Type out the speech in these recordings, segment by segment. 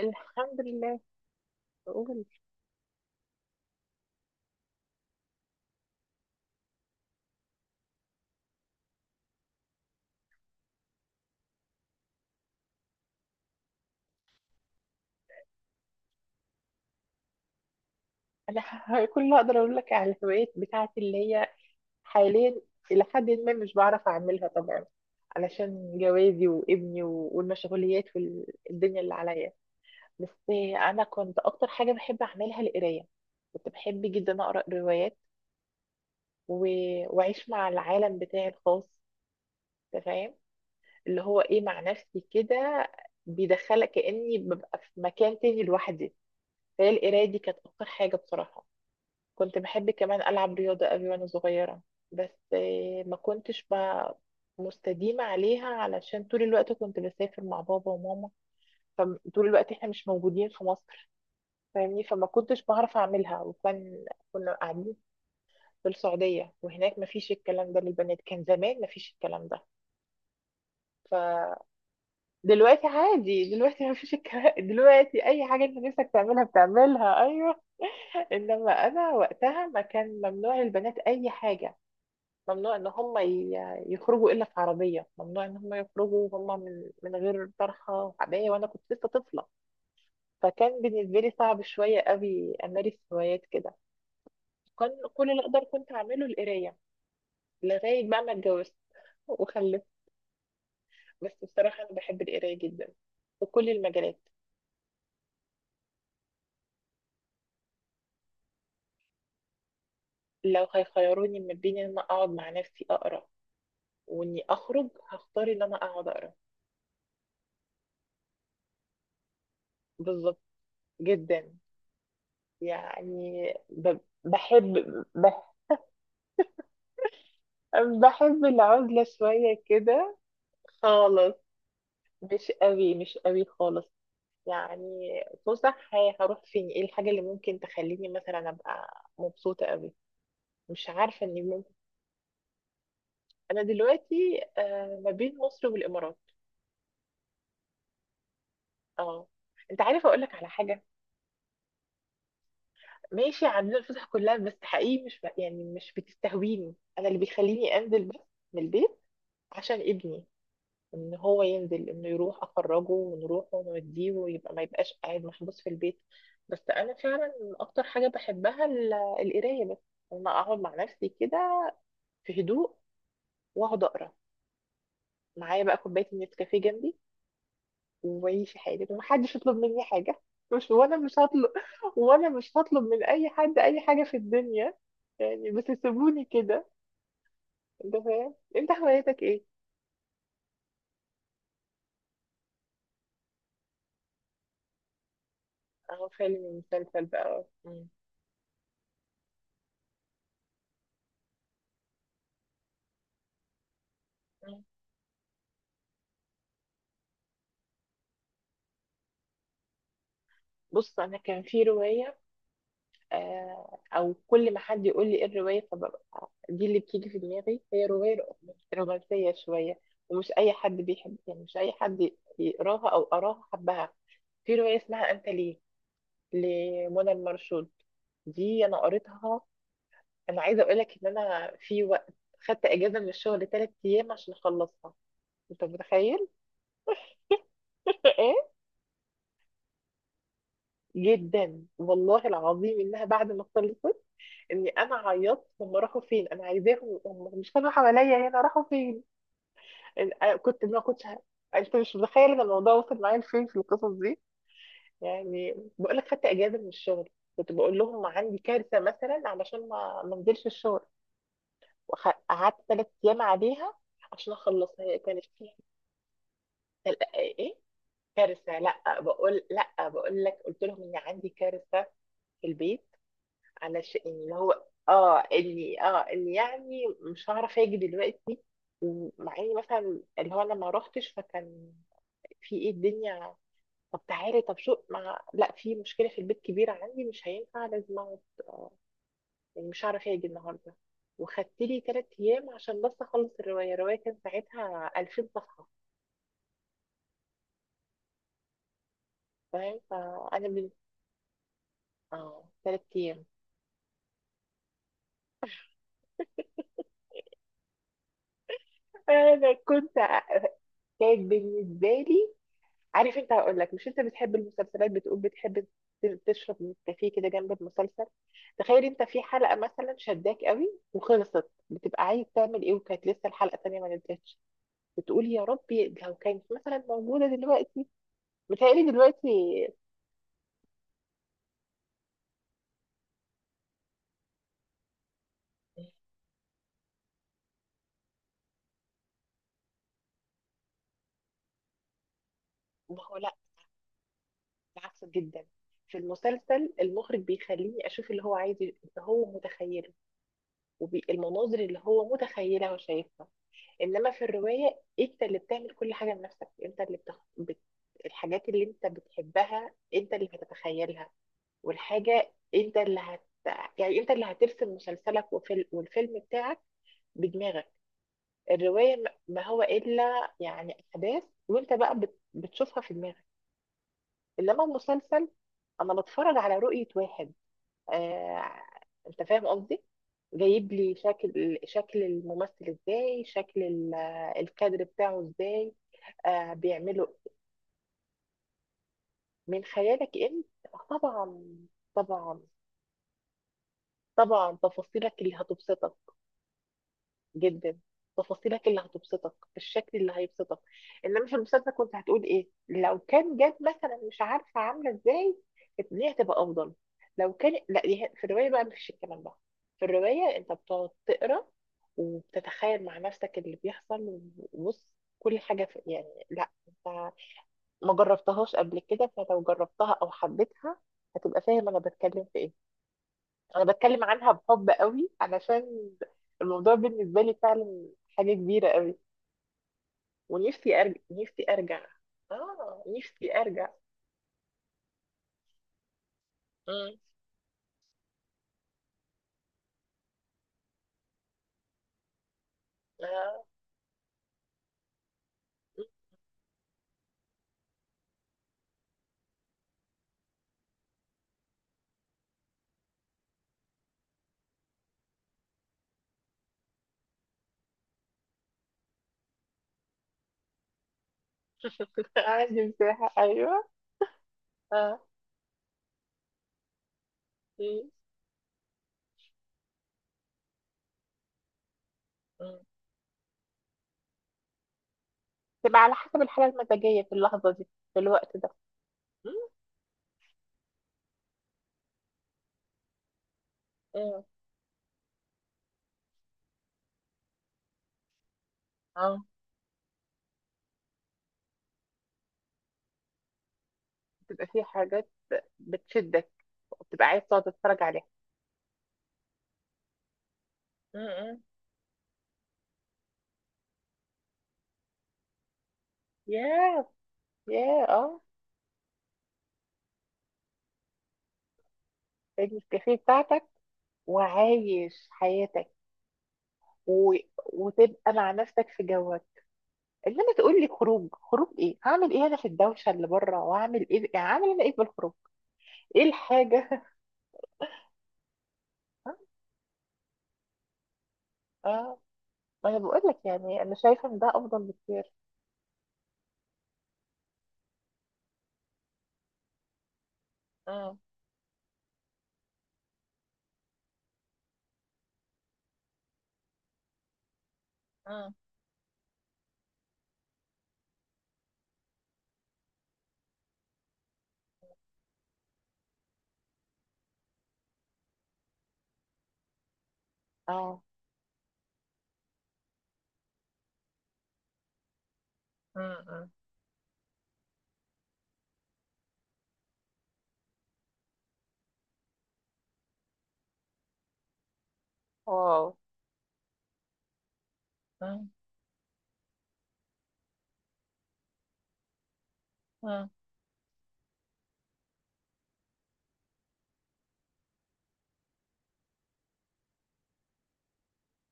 الحمد لله. قول. كل اللي اقدر اقول لك على الهوايات بتاعتي اللي هي حاليا، الى حد ما مش بعرف اعملها طبعا، علشان جوازي وابني والمشغوليات والدنيا اللي عليا. بس انا كنت اكتر حاجه بحب اعملها القرايه. كنت بحب جدا اقرا روايات و... واعيش مع العالم بتاعي الخاص. أنت فاهم؟ اللي هو ايه، مع نفسي كده، بيدخلك كاني ببقى في مكان تاني لوحدي. فهي القرايه دي كانت اكتر حاجه بصراحه. كنت بحب كمان ألعب رياضة قوي وأنا صغيرة، بس ما كنتش بقى مستديمة عليها، علشان طول الوقت كنت بسافر مع بابا وماما، فطول الوقت احنا مش موجودين في مصر، فاهمني؟ فما كنتش بعرف أعملها، وكان كنا قاعدين في السعودية، وهناك ما فيش الكلام ده للبنات، كان زمان ما فيش الكلام ده. فدلوقتي عادي، دلوقتي ما فيش الكلام دلوقتي أي حاجة أنت نفسك تعملها بتعملها، أيوه. إنما أنا وقتها، ما كان ممنوع للبنات أي حاجة، ممنوع ان هم يخرجوا الا في عربيه، ممنوع ان هم يخرجوا هم من غير طرحه وعبايه، وانا كنت لسه طفله. فكان بالنسبه لي صعب شويه قوي امارس هوايات كده. كان كل اللي اقدر كنت اعمله القرايه، لغايه بقى ما اتجوزت وخلفت. بس بصراحه انا بحب القرايه جدا، في كل المجالات. لو هيخيروني ما بين ان انا اقعد مع نفسي اقرا واني اخرج، هختار ان انا اقعد اقرا. بالظبط. جدا. يعني ب- بحب بحب العزلة شوية كده. خالص، مش قوي، مش قوي خالص. يعني فسح هروح فين؟ ايه الحاجة اللي ممكن تخليني مثلا ابقى مبسوطة قوي؟ مش عارفة اني ممكن. انا دلوقتي آه، ما بين مصر والامارات. اه. انت عارفة اقول لك على حاجة؟ ماشي، عندنا الفسح كلها، بس حقيقي مش ب... يعني مش بتستهويني. انا اللي بيخليني انزل بس من البيت عشان ابني، ان هو ينزل، انه يروح اخرجه ونروح ونوديه، ويبقى ما يبقاش قاعد محبوس في البيت. بس انا فعلا اكتر حاجه بحبها القرايه بس. لما اقعد مع نفسي كده في هدوء واقعد اقرا، معايا بقى كوبايه النسكافيه جنبي، وعيش حالي، ومحدش يطلب مني حاجه. مش وانا مش هطلب وانا مش هطلب من اي حد اي حاجه في الدنيا. يعني بس سيبوني كده. انت فاهم؟ انت هوايتك ايه؟ اه، فيلم مسلسل بقى. مم. مم. بص، انا كان في روايه، او كل ما حد يقول لي ايه الروايه، فببقى دي اللي بتيجي في دماغي. هي روايه رومانسيه شويه، ومش اي حد بيحب، يعني مش اي حد يقراها او قراها حبها. في روايه اسمها انت ليه، لمنى المرشود. دي انا قريتها. انا عايزه اقول لك ان انا في وقت خدت اجازه من الشغل ثلاث ايام عشان اخلصها. انت متخيل؟ ايه. جدا، والله العظيم، انها بعد ما خلصت، اني انا عيطت. هم راحوا فين؟ انا عايزاهم، هم مش كانوا حواليا هنا، راحوا فين؟ أنا كنت ما كنتش ه- انت مش متخيل ان الموضوع وصل معايا لفين في القصص دي. يعني بقول لك خدت اجازه من الشغل، كنت بقول لهم عندي كارثه مثلا، علشان ما انزلش الشغل. وقعدت ثلاث ايام عليها عشان اخلصها. هي كانت فيها تل- ايه إيه؟ كارثه، لا بقول، لا بقول لك قلت لهم ان عندي كارثه في البيت، علشان اللي هو اه اني اه اني يعني مش هعرف اجي دلوقتي. ومع اني مثلا اللي هو انا ما روحتش، فكان في ايه الدنيا؟ طب تعالي، طب شو ما لا، في مشكله في البيت كبيره عندي، مش هينفع لازم اقعد. آه، يعني مش هعرف اجي النهارده. وخدت لي ثلاث ايام عشان بس اخلص الروايه. الروايه كان ساعتها 2000 صفحه. فاهم؟ فانا من، اه، ثلاث ايام. انا كنت أ- كانت بالنسبه لي، عارف انت، هقول لك: مش انت بتحب المسلسلات؟ بتقول بتحب تشرب نسكافيه كده جنب المسلسل، تخيل انت في حلقه مثلا شداك قوي، وخلصت بتبقى عايز تعمل ايه؟ وكانت لسه الحلقه الثانيه ما نزلتش. بتقول يا ربي لو كانت مثلا موجوده دلوقتي. متهيألي دلوقتي. ما هو لا، بالعكس جدا. في المسلسل المخرج بيخليني اشوف اللي هو عايز، اللي هو متخيله، والمناظر اللي هو متخيلها وشايفها. انما في الروايه انت اللي بتعمل كل حاجه لنفسك. انت اللي بتخ... بت... الحاجات اللي انت بتحبها انت اللي هتتخيلها، والحاجه انت اللي هت، يعني انت اللي هترسم مسلسلك والفيلم بتاعك بدماغك. الرواية ما هو إلا يعني أحداث، وأنت بقى بتشوفها في دماغك. إنما المسلسل أنا بتفرج على رؤية واحد. آه. أنت فاهم قصدي؟ جايب لي شكل، شكل الممثل إزاي، شكل الكادر بتاعه إزاي، آه، بيعمله. من خيالك أنت. طبعا، طبعا، طبعا، تفاصيلك اللي هتبسطك. جدا. تفاصيلك اللي هتبسطك، الشكل اللي هيبسطك. انما في المسلسل كنت هتقول ايه لو كان جاب مثلا مش عارفه عامله ازاي، دي هتبقى افضل لو كان؟ لا، دي في الروايه بقى مفيش الكلام ده. في الروايه انت بتقعد تقرا، وبتتخيل مع نفسك اللي بيحصل. وبص، كل حاجه في، يعني لا، انت ما جربتهاش قبل كده، فلو جربتها او حبيتها هتبقى فاهم انا بتكلم في ايه. انا بتكلم عنها بحب قوي، علشان الموضوع بالنسبه لي فعلا حاجه كبيره قوي. ونفسي ارجع، نفسي ارجع. اه، نفسي ارجع. مم. آه. عندي مساحه، ايوه. اه. مم. مم. تبقى على حسب الحاله المزاجيه في اللحظه دي، في الوقت ده. مم. مم. اه، بتبقى في حاجات بتشدك، وبتبقى عايز تقعد تتفرج عليها. مم. مم. ياه. ياه، اه. النسكافيه بتاعتك، وعايش حياتك. و... وتبقى مع نفسك في جوك. انما تقول لي خروج، خروج ايه؟ هعمل ايه انا في الدوشه اللي بره؟ وهعمل ايه؟ يعني هعمل انا ايه بالخروج؟ ايه الحاجه؟ اه، ما انا بقول لك، يعني انا شايفه ان ده افضل بكتير. مم. مم. اه. مم. مم. واو. مم. مم.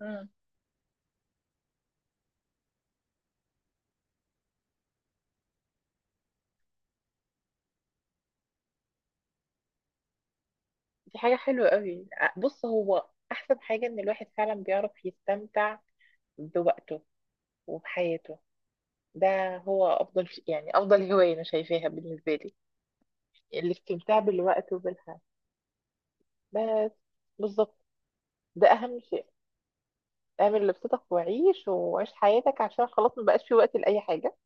مم. دي حاجه حلوه قوي. ع- بص، هو احسن حاجه ان الواحد فعلا بيعرف يستمتع بوقته وبحياته. ده هو افضل، يعني افضل هوايه انا شايفاها بالنسبه لي، الاستمتاع بالوقت وبالحياه. بس. بالظبط. ده اهم شيء. اعمل لبستك وعيش، وعيش حياتك، عشان خلاص ما بقاش في وقت لاي حاجه.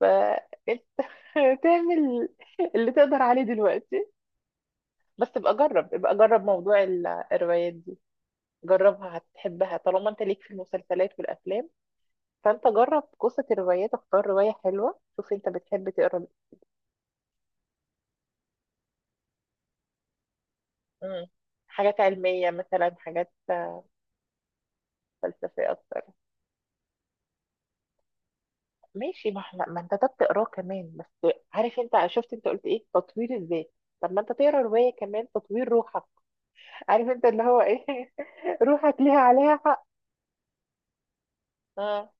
فانت تعمل اللي تقدر عليه دلوقتي. بس ابقى جرب، ابقى جرب موضوع الروايات دي. جربها هتحبها، طالما انت ليك في المسلسلات والافلام، فانت جرب قصه الروايات. اختار روايه حلوه، شوف انت بتحب تقرا. مم. حاجات علميه مثلا، حاجات فلسفيه اكتر. ماشي، ما احنا، ما انت ده بتقراه كمان. بس عارف انت، شفت انت قلت ايه؟ تطوير الذات. طب ما انت تقرا روايه كمان، تطوير روحك. عارف انت اللي هو ايه؟ روحك ليها عليها حق. اه،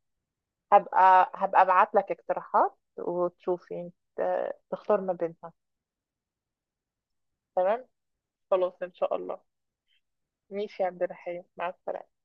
هبقى ابعت لك اقتراحات وتشوفي انت تختار ما بينها. تمام، خلاص ان شاء الله. ماشي يا عبد الرحيم، مع السلامه.